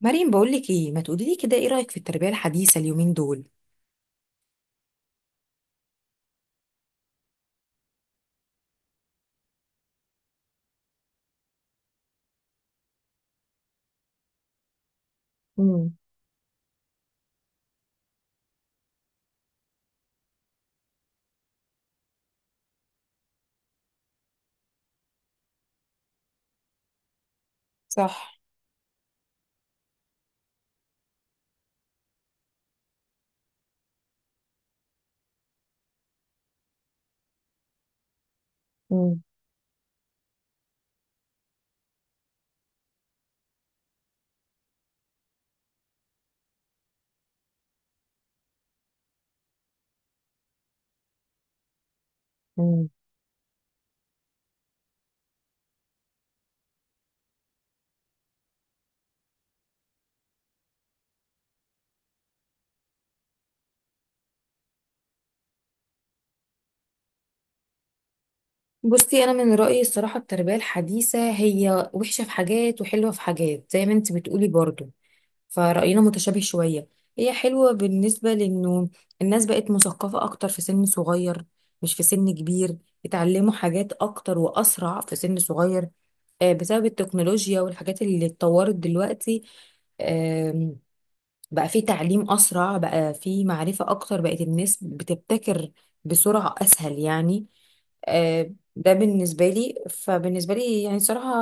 مريم، بقولك ايه ما تقولي لي كده، ايه رأيك في التربية الحديثة اليومين دول؟ مم. بصي انا من رأيي الصراحة التربية الحديثة هي وحشة في حاجات وحلوة في حاجات زي ما انت بتقولي برضو، فرأينا متشابه شوية. هي حلوة بالنسبة لانه الناس بقت مثقفة اكتر في سن صغير، مش في سن كبير. اتعلموا حاجات اكتر واسرع في سن صغير، بسبب التكنولوجيا والحاجات اللي اتطورت دلوقتي. بقى في تعليم أسرع، بقى في معرفة أكتر، بقت الناس بتبتكر بسرعة أسهل يعني. ده بالنسبة لي، فبالنسبة لي يعني صراحة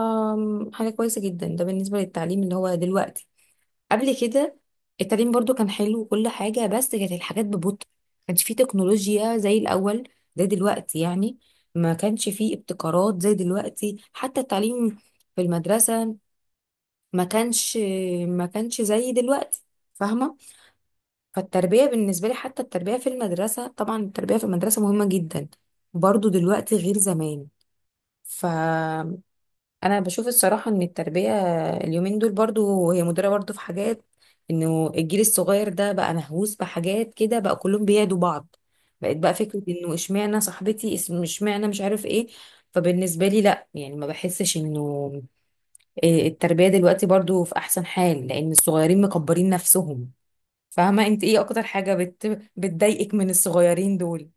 حاجة كويسة جدا. ده بالنسبة للتعليم اللي هو دلوقتي. قبل كده التعليم برضو كان حلو وكل حاجة، بس كانت الحاجات ببطء، ما كانش فيه تكنولوجيا زي الأول، زي دلوقتي يعني. ما كانش فيه ابتكارات زي دلوقتي، حتى التعليم في المدرسة ما كانش، ما كانش زي دلوقتي، فاهمة؟ فالتربية بالنسبة لي، حتى التربية في المدرسة طبعا، التربية في المدرسة مهمة جدا، برضو دلوقتي غير زمان. فأنا بشوف الصراحة إن التربية اليومين دول برضو هي مدرة برضو في حاجات. إنه الجيل الصغير ده بقى مهووس بحاجات كده، بقى كلهم بيعدوا بعض، بقت بقى فكرة إنه إشمعنى صاحبتي إشمعنى مش عارف إيه. فبالنسبة لي لأ يعني، ما بحسش إنه التربية دلوقتي برضو في أحسن حال لأن الصغيرين مكبرين نفسهم. فاهمة؟ انت ايه اكتر حاجة بتضايقك من الصغيرين دول؟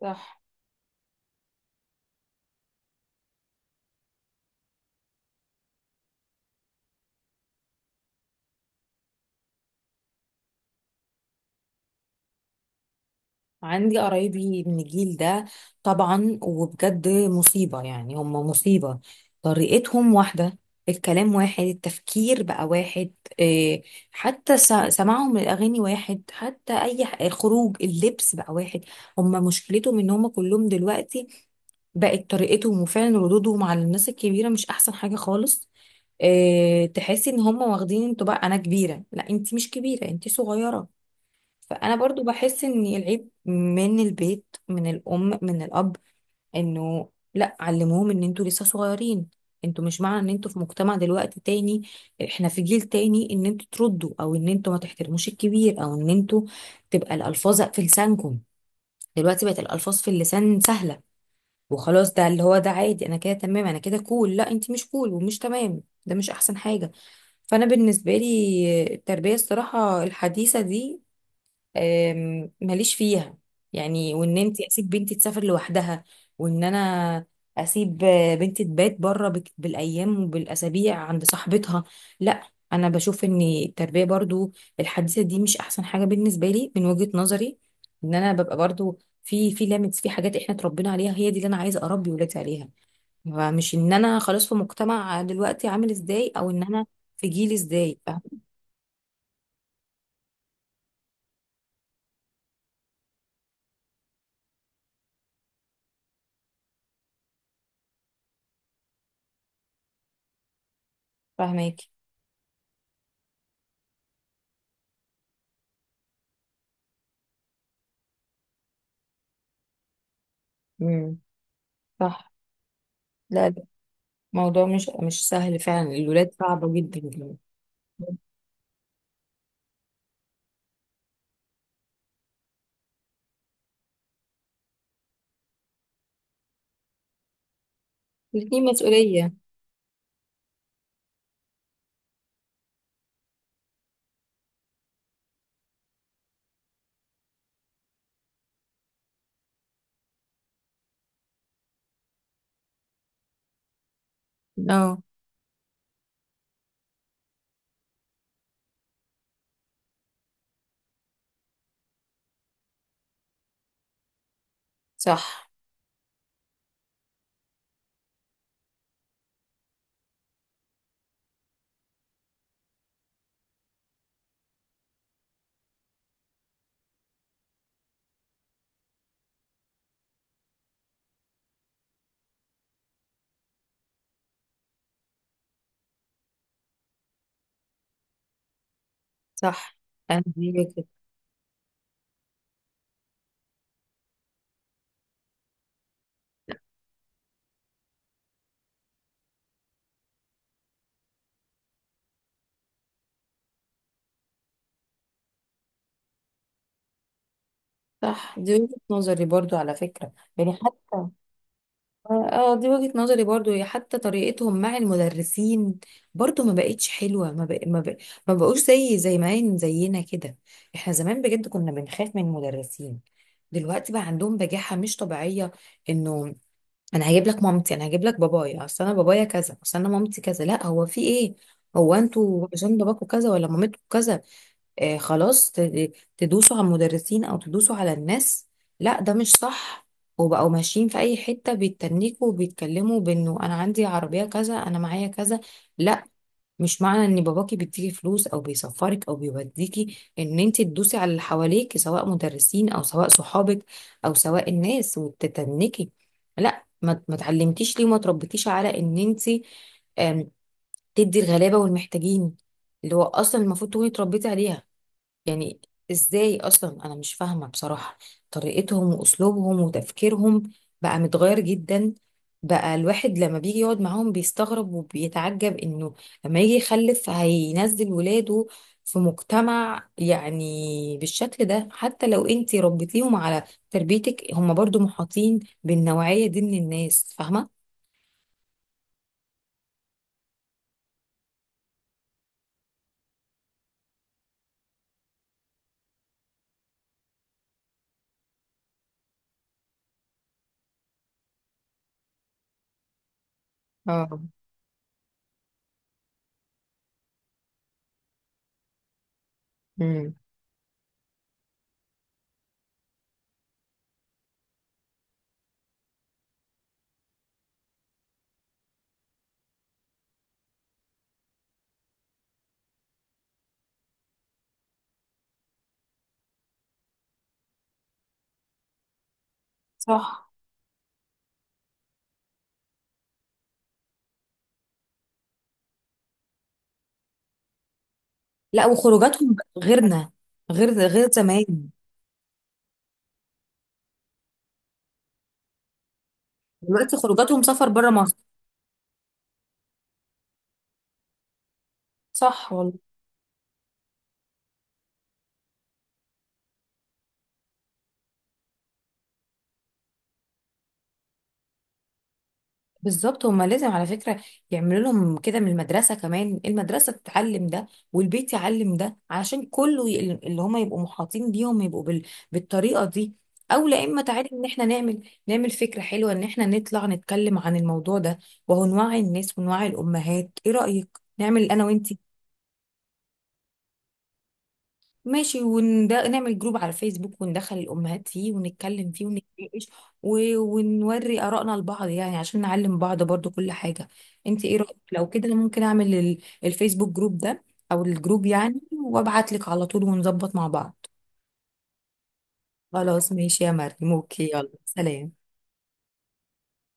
صح. عندي قرايبي من الجيل ده طبعا، وبجد مصيبة يعني، هم مصيبة. طريقتهم واحدة، الكلام واحد، التفكير بقى واحد. إيه، حتى سماعهم للأغاني واحد، حتى أي خروج، اللبس بقى واحد. هم مشكلتهم إن هم كلهم دلوقتي بقت طريقتهم، وفعلا ردودهم على الناس الكبيرة مش أحسن حاجة خالص. تحسي إن هم واخدين انتوا بقى أنا كبيرة. لا انت مش كبيرة، انت صغيرة. فانا برضو بحس ان العيب من البيت، من الام، من الاب. انه لا علموهم ان انتوا لسه صغيرين، انتوا مش معنى ان انتوا في مجتمع دلوقتي تاني، احنا في جيل تاني، ان انتوا تردوا او ان انتوا ما تحترموش الكبير، او ان انتوا تبقى الالفاظ في لسانكم. دلوقتي بقت الالفاظ في اللسان سهله، وخلاص ده اللي هو ده عادي، انا كده تمام، انا كده كول. لا انت مش كول ومش تمام، ده مش احسن حاجه. فانا بالنسبه لي التربيه الصراحه الحديثه دي ماليش فيها يعني. وان انت اسيب بنتي تسافر لوحدها، وان انا اسيب بنتي تبات بره بالايام وبالاسابيع عند صاحبتها، لا. انا بشوف ان التربيه برضو الحديثه دي مش احسن حاجه بالنسبه لي من وجهه نظري. ان انا ببقى برضو في ليميتس في حاجات احنا اتربينا عليها، هي دي اللي انا عايزه اربي ولادي عليها. فمش ان انا خلاص في مجتمع دلوقتي عامل ازاي، او ان انا في جيل ازاي. فاهماكي؟ امم. صح. لا، موضوع مش سهل فعلا، الولاد صعبة جدا كمان. الاتنين مسؤولية. اه. صح. صح. أنا دي وجهة. صح، دي وجهة نظري برضو على فكرة، يعني حتى. اه دي وجهة نظري برضو، هي حتى طريقتهم مع المدرسين برضو ما بقتش حلوة. ما بقوش زي ما زينا كده. احنا زمان بجد كنا بنخاف من المدرسين، دلوقتي بقى عندهم بجاحة مش طبيعية. انه انا هجيب لك مامتي، انا هجيب لك بابايا، اصل انا بابايا كذا، اصل انا مامتي كذا. لا، هو في ايه؟ هو انتوا عشان باباكوا كذا ولا مامتكوا كذا خلاص تدوسوا على المدرسين او تدوسوا على الناس؟ لا ده مش صح. وبقوا ماشيين في اي حته بيتنكوا وبيتكلموا بانه انا عندي عربيه كذا، انا معايا كذا. لا، مش معنى ان باباكي بيديكي فلوس او بيسفرك او بيوديكي ان انت تدوسي على اللي حواليك، سواء مدرسين او سواء صحابك او سواء الناس وتتنكي. لا، ما اتعلمتيش ليه وما تربيتيش على ان انت آم، تدي الغلابه والمحتاجين، اللي هو اصلا المفروض تكوني اتربيتي عليها يعني. ازاي اصلا؟ انا مش فاهمه بصراحه. طريقتهم واسلوبهم وتفكيرهم بقى متغير جدا. بقى الواحد لما بيجي يقعد معاهم بيستغرب وبيتعجب انه لما يجي يخلف هينزل ولاده في مجتمع يعني بالشكل ده، حتى لو انتي ربيتيهم على تربيتك، هم برضو محاطين بالنوعيه دي من الناس، فاهمه؟ اه. امم. صح. لا وخروجاتهم غيرنا، غير زمان. دلوقتي خروجاتهم سفر بره مصر. صح والله. بالظبط. هما لازم على فكرة يعملوا لهم كده من المدرسة كمان، المدرسة تتعلم ده والبيت يعلم ده، علشان كله اللي هما يبقوا محاطين بيهم يبقوا بالطريقة دي. او لا، اما تعالي ان احنا نعمل نعمل فكرة حلوة ان احنا نطلع نتكلم عن الموضوع ده، وهو نوعي الناس ونوعي الامهات. ايه رأيك نعمل انا وانتي؟ ماشي. ونده نعمل جروب على فيسبوك وندخل الأمهات فيه ونتكلم فيه ونتناقش ونوري آرائنا لبعض يعني عشان نعلم بعض برضو كل حاجة. انت ايه رأيك لو كده، انا ممكن اعمل الفيسبوك جروب ده، او الجروب يعني، وابعت لك على طول ونظبط مع بعض. خلاص ماشي يا مريم، اوكي، يلا سلام.